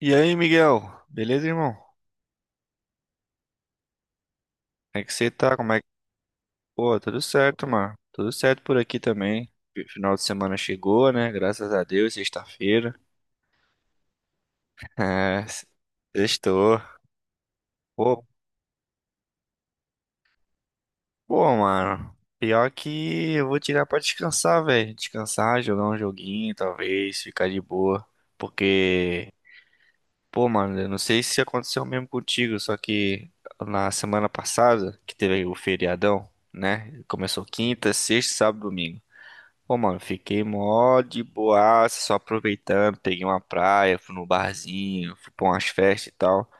E aí, Miguel? Beleza, irmão? Como é que você tá? Como é que... Pô, tudo certo, mano. Tudo certo por aqui também. Final de semana chegou, né? Graças a Deus, sexta-feira. É, sextou. Pô, pô, mano. Pior que eu vou tirar pra descansar, velho. Descansar, jogar um joguinho, talvez, ficar de boa. Porque, pô, mano, eu não sei se aconteceu mesmo contigo, só que na semana passada, que teve o feriadão, né? Começou quinta, sexta, sábado, domingo. Pô, mano, fiquei mó de boaça, só aproveitando, peguei uma praia, fui no barzinho, fui pra umas festas e tal.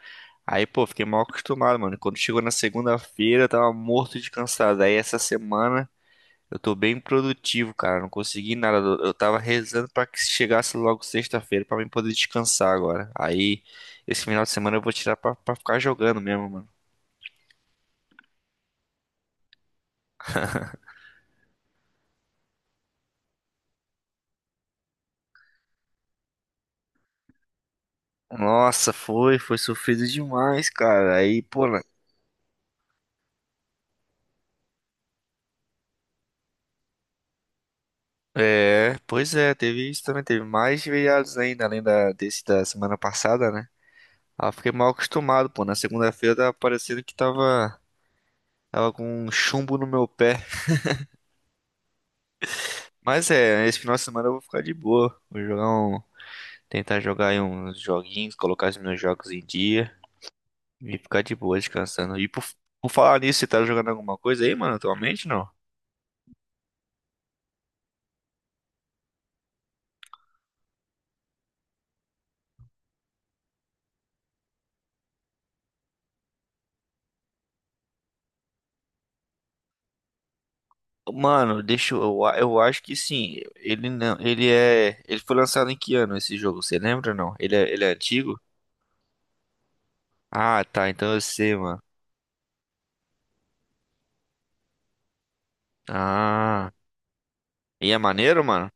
Aí, pô, fiquei mal acostumado, mano. Quando chegou na segunda-feira, eu tava morto de cansado. Aí, essa semana, eu tô bem produtivo, cara. Não consegui nada. Eu tava rezando pra que chegasse logo sexta-feira pra mim poder descansar agora. Aí, esse final de semana eu vou tirar pra, pra ficar jogando mesmo, mano. Nossa, foi, foi sofrido demais, cara. Aí, pô, é, pois é, teve isso também, teve mais feriados ainda, além da, desse da semana passada, né? Ah, fiquei mal acostumado, pô. Na segunda-feira tava parecendo que tava, tava com um chumbo no meu pé. Mas é, esse final de semana eu vou ficar de boa. Vou jogar um, tentar jogar aí uns joguinhos, colocar os meus jogos em dia e ficar de boa descansando. E por falar nisso, você tá jogando alguma coisa aí, mano, atualmente, não? Mano, deixa eu acho que sim. Ele não, ele é, ele foi lançado em que ano esse jogo? Você lembra ou não? Ele é antigo? Ah, tá, então eu sei, mano. Ah, e é maneiro, mano?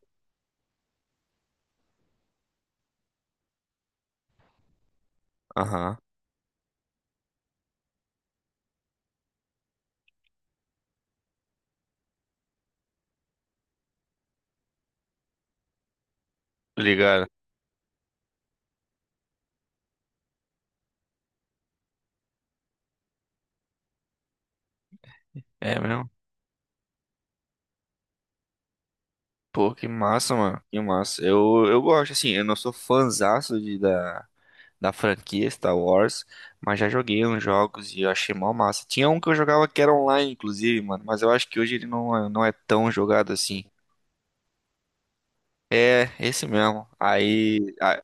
Aham, tô ligado. É mesmo? Pô, que massa, mano. Que massa. Eu gosto, assim, eu não sou fãzaço de, da, da franquia Star Wars, mas já joguei uns jogos e eu achei mó massa. Tinha um que eu jogava que era online, inclusive, mano, mas eu acho que hoje ele não, não é tão jogado assim. É, esse mesmo.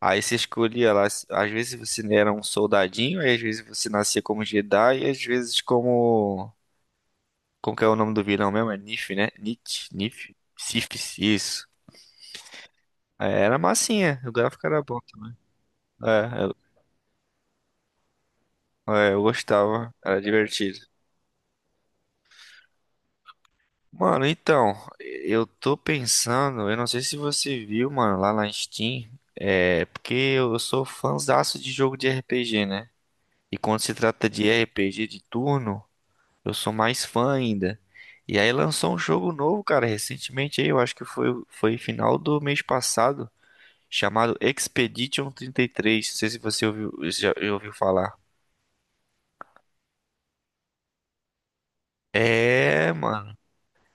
Aí você escolhia lá, às vezes você era um soldadinho, aí às vezes você nascia como Jedi, e às vezes como... Como que é o nome do vilão mesmo? É Nif, né? Nit, Nif, Sif, isso. É, era massinha, o gráfico era bom também. É, é, eu gostava, era divertido. Mano, então, eu tô pensando, eu não sei se você viu, mano, lá na Steam, é, porque eu sou fãzaço de jogo de RPG, né? E quando se trata de RPG de turno, eu sou mais fã ainda. E aí lançou um jogo novo, cara, recentemente aí, eu acho que foi, foi final do mês passado, chamado Expedition 33. Não sei se você ouviu, já ouviu falar. É, mano,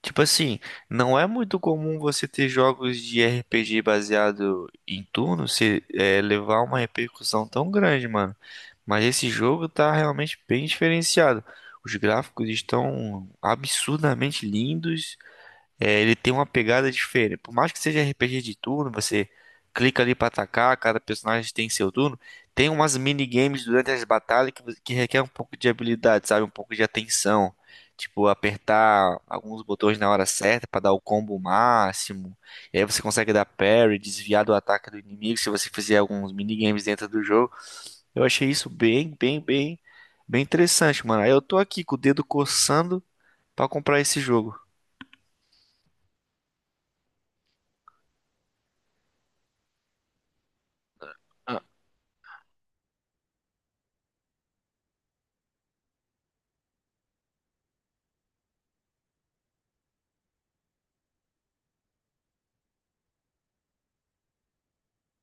tipo assim, não é muito comum você ter jogos de RPG baseado em turno se é, levar uma repercussão tão grande, mano. Mas esse jogo tá realmente bem diferenciado. Os gráficos estão absurdamente lindos, é, ele tem uma pegada diferente. Por mais que seja RPG de turno, você clica ali pra atacar, cada personagem tem seu turno. Tem umas minigames durante as batalhas que que requer um pouco de habilidade, sabe? Um pouco de atenção. Tipo, apertar alguns botões na hora certa pra dar o combo máximo. E aí você consegue dar parry, desviar do ataque do inimigo se você fizer alguns minigames dentro do jogo. Eu achei isso bem interessante, mano. Aí eu tô aqui com o dedo coçando pra comprar esse jogo.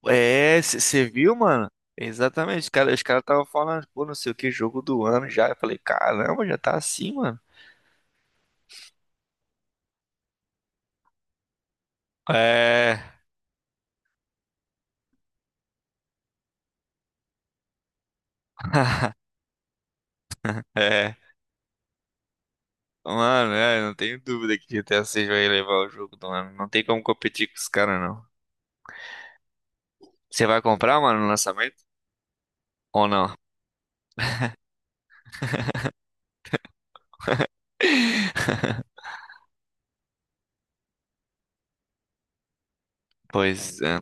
É, você viu, mano? Exatamente, cara, os caras estavam falando, pô, não sei o que, jogo do ano já. Eu falei, caramba, já tá assim, mano. É, é. Mano, é, não tenho dúvida que GTA 6 vai levar o jogo do ano. Não tem como competir com os caras, não. Você vai comprar, mano, no lançamento? Ou não? Pois é.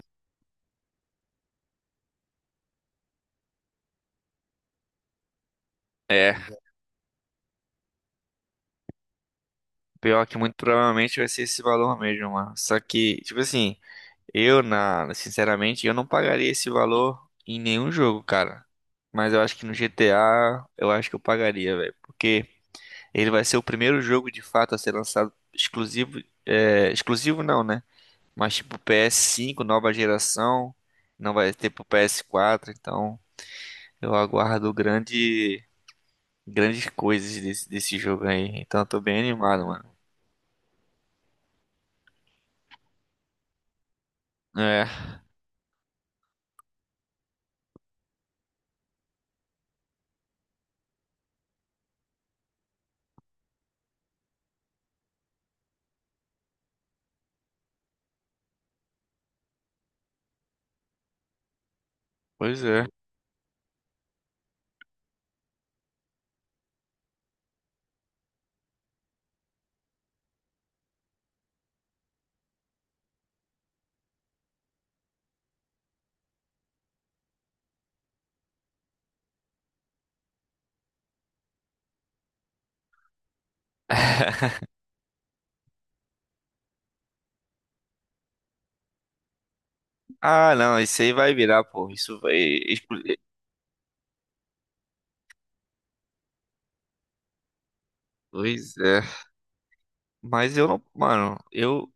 É, pior que muito provavelmente vai ser esse valor mesmo, mano. Só que, tipo assim, eu, na, sinceramente, eu não pagaria esse valor em nenhum jogo, cara. Mas eu acho que no GTA, eu acho que eu pagaria, velho. Porque ele vai ser o primeiro jogo de fato a ser lançado exclusivo. É, exclusivo não, né? Mas tipo PS5, nova geração. Não vai ter pro PS4. Então eu aguardo grande, grandes coisas desse, desse jogo aí. Então eu tô bem animado, mano. É, pois é. Ah, não, isso aí vai virar, pô. Isso vai. Pois é. Mas eu não, mano, eu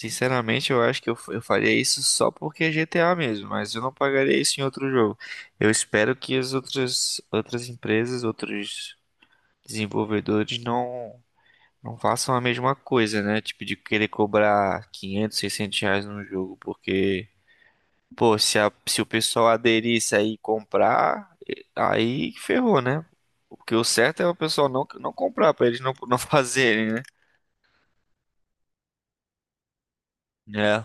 sinceramente eu acho que eu faria isso só porque é GTA mesmo, mas eu não pagaria isso em outro jogo. Eu espero que as outras empresas, outros desenvolvedores não façam a mesma coisa, né? Tipo de querer cobrar 500, R$ 600 num jogo, porque pô, se a, se o pessoal aderisse aí e comprar, aí ferrou, né? Porque o certo é o pessoal não comprar pra eles não fazerem, né? É,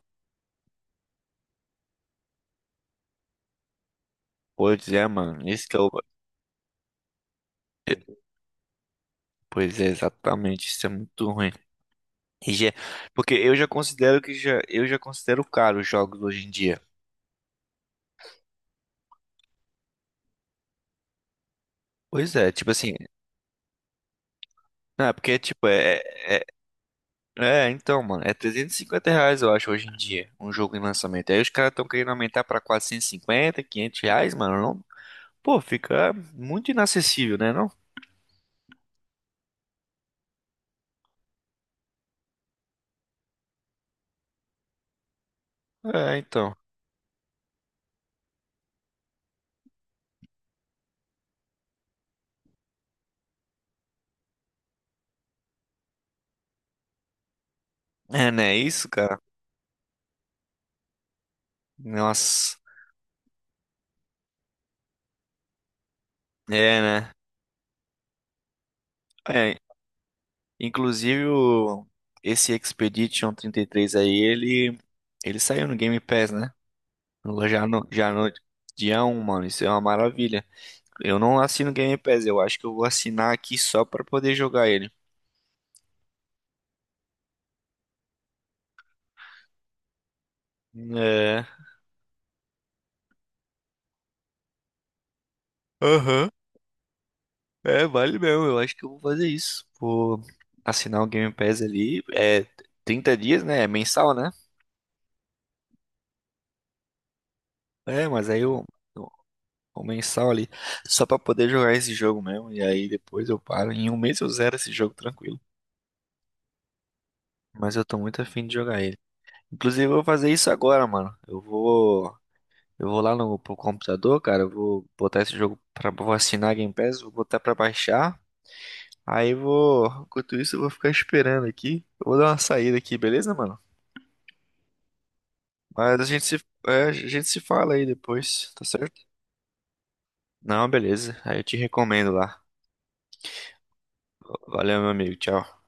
pois é, mano. Esse que é o é, pois é, exatamente, isso é muito ruim. E já- Porque eu já considero que já, eu já considero caro os jogos hoje em dia. Pois é, tipo assim, não, é porque tipo, é, é, é, então, mano, é R$ 350, eu acho, hoje em dia, um jogo em lançamento. Aí os caras estão querendo aumentar pra R$ 450 R$ 500, mano, não, pô, fica muito inacessível, né, não? É, então, é, né, isso, cara, nossa, é, né, é, inclusive, o, esse Expedition 33 aí, ele saiu no Game Pass, né? Já no dia um mano. Isso é uma maravilha. Eu não assino Game Pass, eu acho que eu vou assinar aqui só pra poder jogar ele. É. Aham. É, vale mesmo. Eu acho que eu vou fazer isso. Vou assinar o Game Pass ali. É 30 dias, né? É mensal, né? É, mas aí eu. O mensal ali, só pra poder jogar esse jogo mesmo. E aí depois eu paro. Em um mês eu zero esse jogo tranquilo. Mas eu tô muito afim de jogar ele. Inclusive, eu vou fazer isso agora, mano. Eu vou. Eu vou lá no pro computador, cara. Eu vou botar esse jogo pra. Vou assinar a Game Pass, vou botar pra baixar. Aí eu vou. Enquanto isso, eu vou ficar esperando aqui. Eu vou dar uma saída aqui, beleza, mano? Mas a gente se, é, a gente se fala aí depois, tá certo? Não, beleza. Aí eu te recomendo lá. Valeu, meu amigo. Tchau.